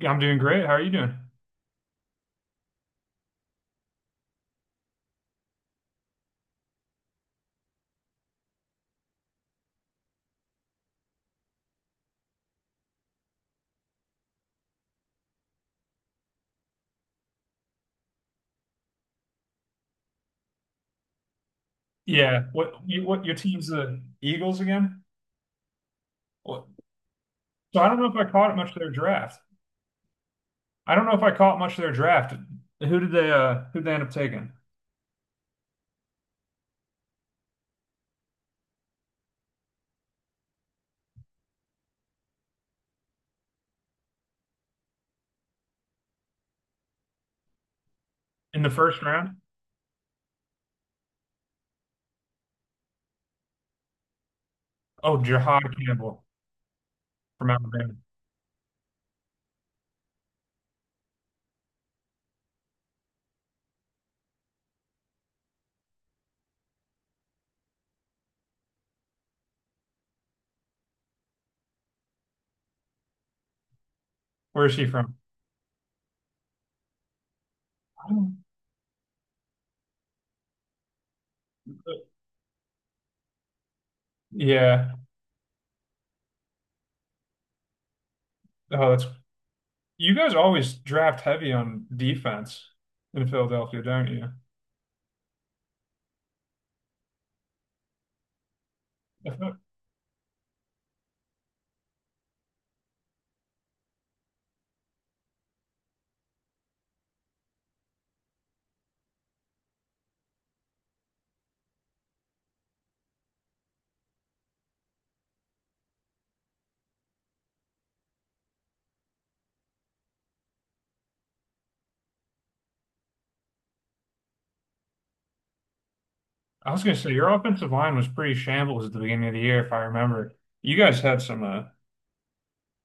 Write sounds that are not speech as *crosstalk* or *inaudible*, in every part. Yeah, I'm doing great. How are you doing? Yeah. What your team's the Eagles again? What? So I don't know if I caught much of their draft. I don't know if I caught much of their draft. Who they end up taking in the first round? Oh, Jahad Campbell from Alabama. Where is he from? I don't- Yeah. Oh, that's you guys always draft heavy on defense in Philadelphia, don't you? I thought- I was gonna say your offensive line was pretty shambles at the beginning of the year, if I remember. You guys had some.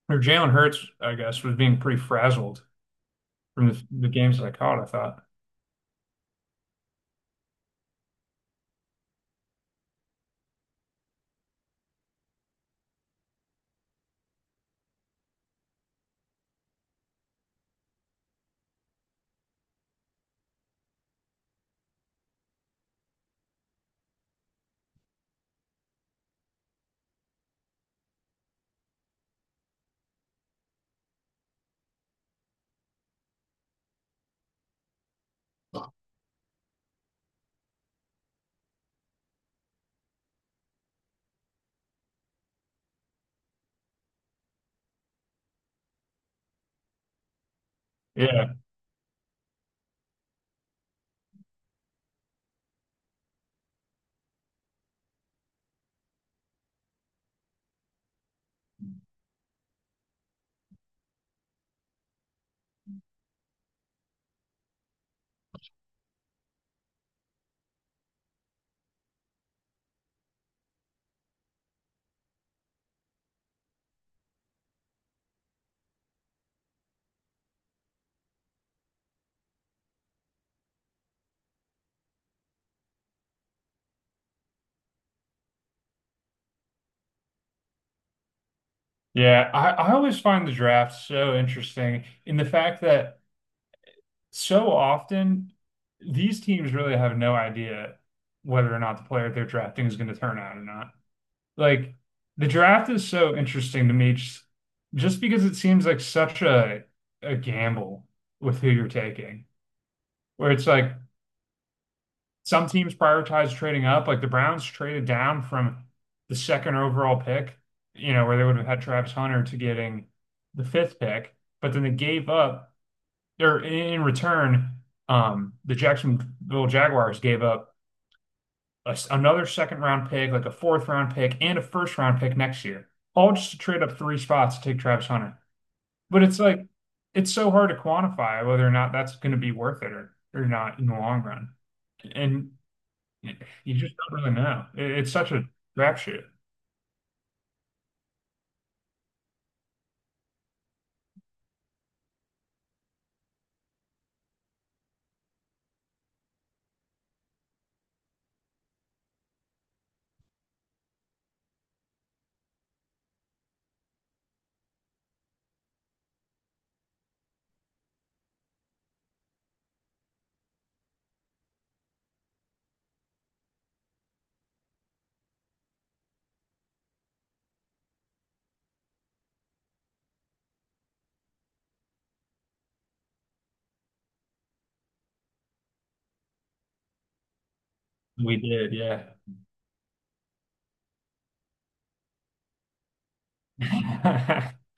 Or Jalen Hurts, I guess, was being pretty frazzled from the games that I caught, I thought. Yeah. Yeah. I always find the draft so interesting in the fact that so often these teams really have no idea whether or not the player they're drafting is going to turn out or not. Like the draft is so interesting to me just because it seems like such a gamble with who you're taking, where it's like some teams prioritize trading up. Like the Browns traded down from the second overall pick, where they would have had Travis Hunter to getting the fifth pick, but then they gave up, or in return, the Jacksonville Jaguars gave up another second round pick, like a fourth round pick, and a first round pick next year, all just to trade up three spots to take Travis Hunter. But it's like, it's so hard to quantify whether or not that's going to be worth it or not in the long run. And you just don't really know. It's such a crapshoot. We did, yeah. *laughs*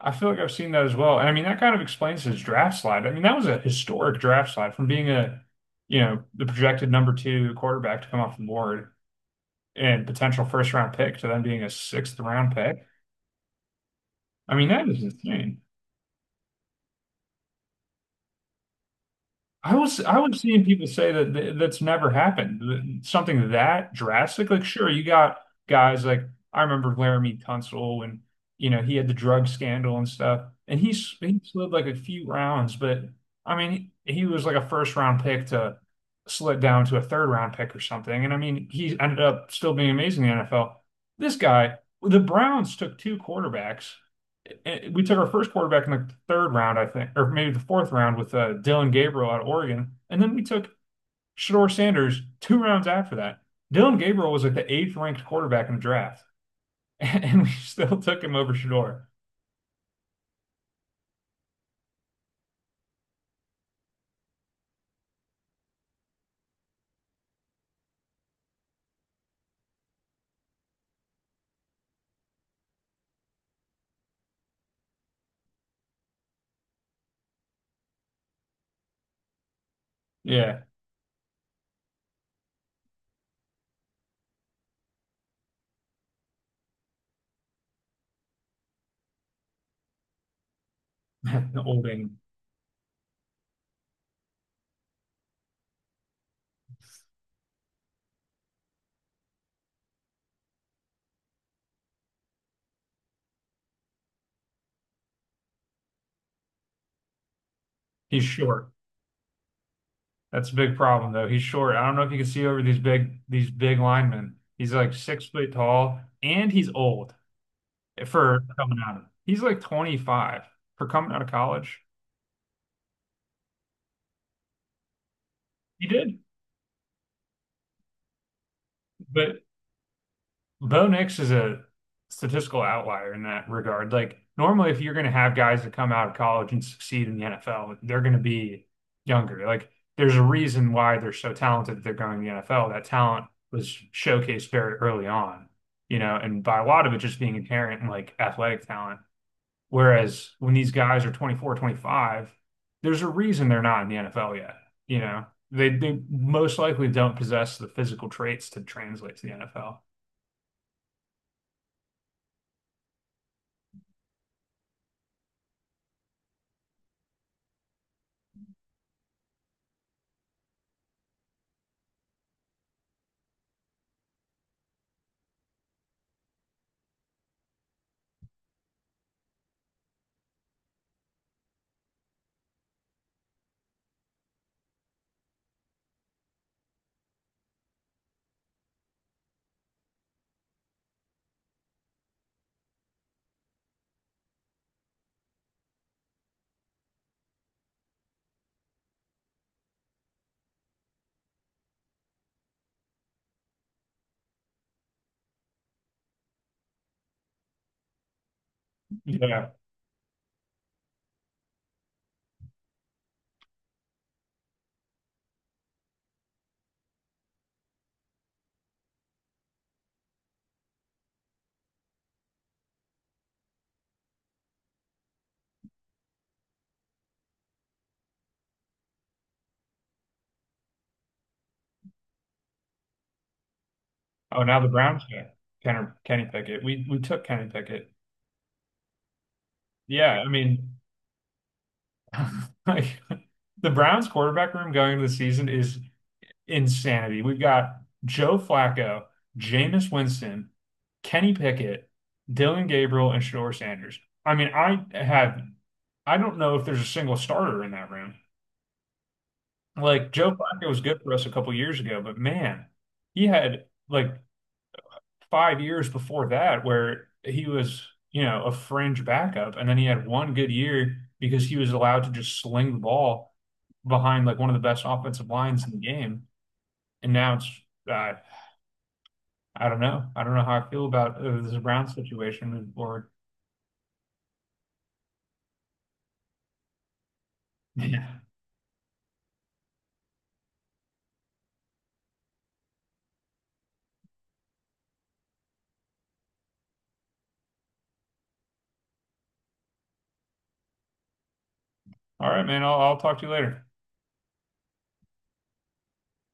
I feel like I've seen that as well. And I mean, that kind of explains his draft slide. I mean, that was a historic draft slide from being the projected number two quarterback to come off the board and potential first round pick to then being a sixth round pick. I mean, that is insane. I was seeing people say that th that's never happened. Something that drastic. Like, sure, you got guys like I remember Laramie Tunsil and he had the drug scandal and stuff, and he slid like a few rounds, but I mean he was like a first round pick to slid down to a third round pick or something, and I mean he ended up still being amazing in the NFL. This guy, the Browns took two quarterbacks we took our first quarterback in the third round, I think, or maybe the fourth round with Dylan Gabriel out of Oregon. And then we took Shador Sanders two rounds after that. Dylan Gabriel was like the eighth ranked quarterback in the draft, *laughs* and we still took him over Shador. Yeah, *laughs* the old England. He's short. That's a big problem, though. He's short. I don't know if you can see over these big linemen. He's like 6 foot tall, and he's old for coming out of. He's like 25 for coming out of college. He did, but Bo Nix is a statistical outlier in that regard. Like normally, if you're going to have guys that come out of college and succeed in the NFL, they're going to be younger. Like there's a reason why they're so talented that they're going to the NFL. That talent was showcased very early on, and by a lot of it just being inherent in like athletic talent. Whereas when these guys are 24, 25, there's a reason they're not in the NFL yet. You know, they most likely don't possess the physical traits to translate to the NFL. Yeah. Oh, now the Browns got Kenny Pickett. We took Kenny Pickett. Yeah, I mean, *laughs* like the Browns quarterback room going into the season is insanity. We've got Joe Flacco, Jameis Winston, Kenny Pickett, Dylan Gabriel, and Shador Sanders. I mean, I don't know if there's a single starter in that room. Like Joe Flacco was good for us a couple years ago, but man, he had like 5 years before that where he was a fringe backup. And then he had one good year because he was allowed to just sling the ball behind like one of the best offensive lines in the game. And now uh, I don't know. I don't know how I feel about this Brown situation moving forward. *laughs* Yeah. All right, man. I'll talk to you later.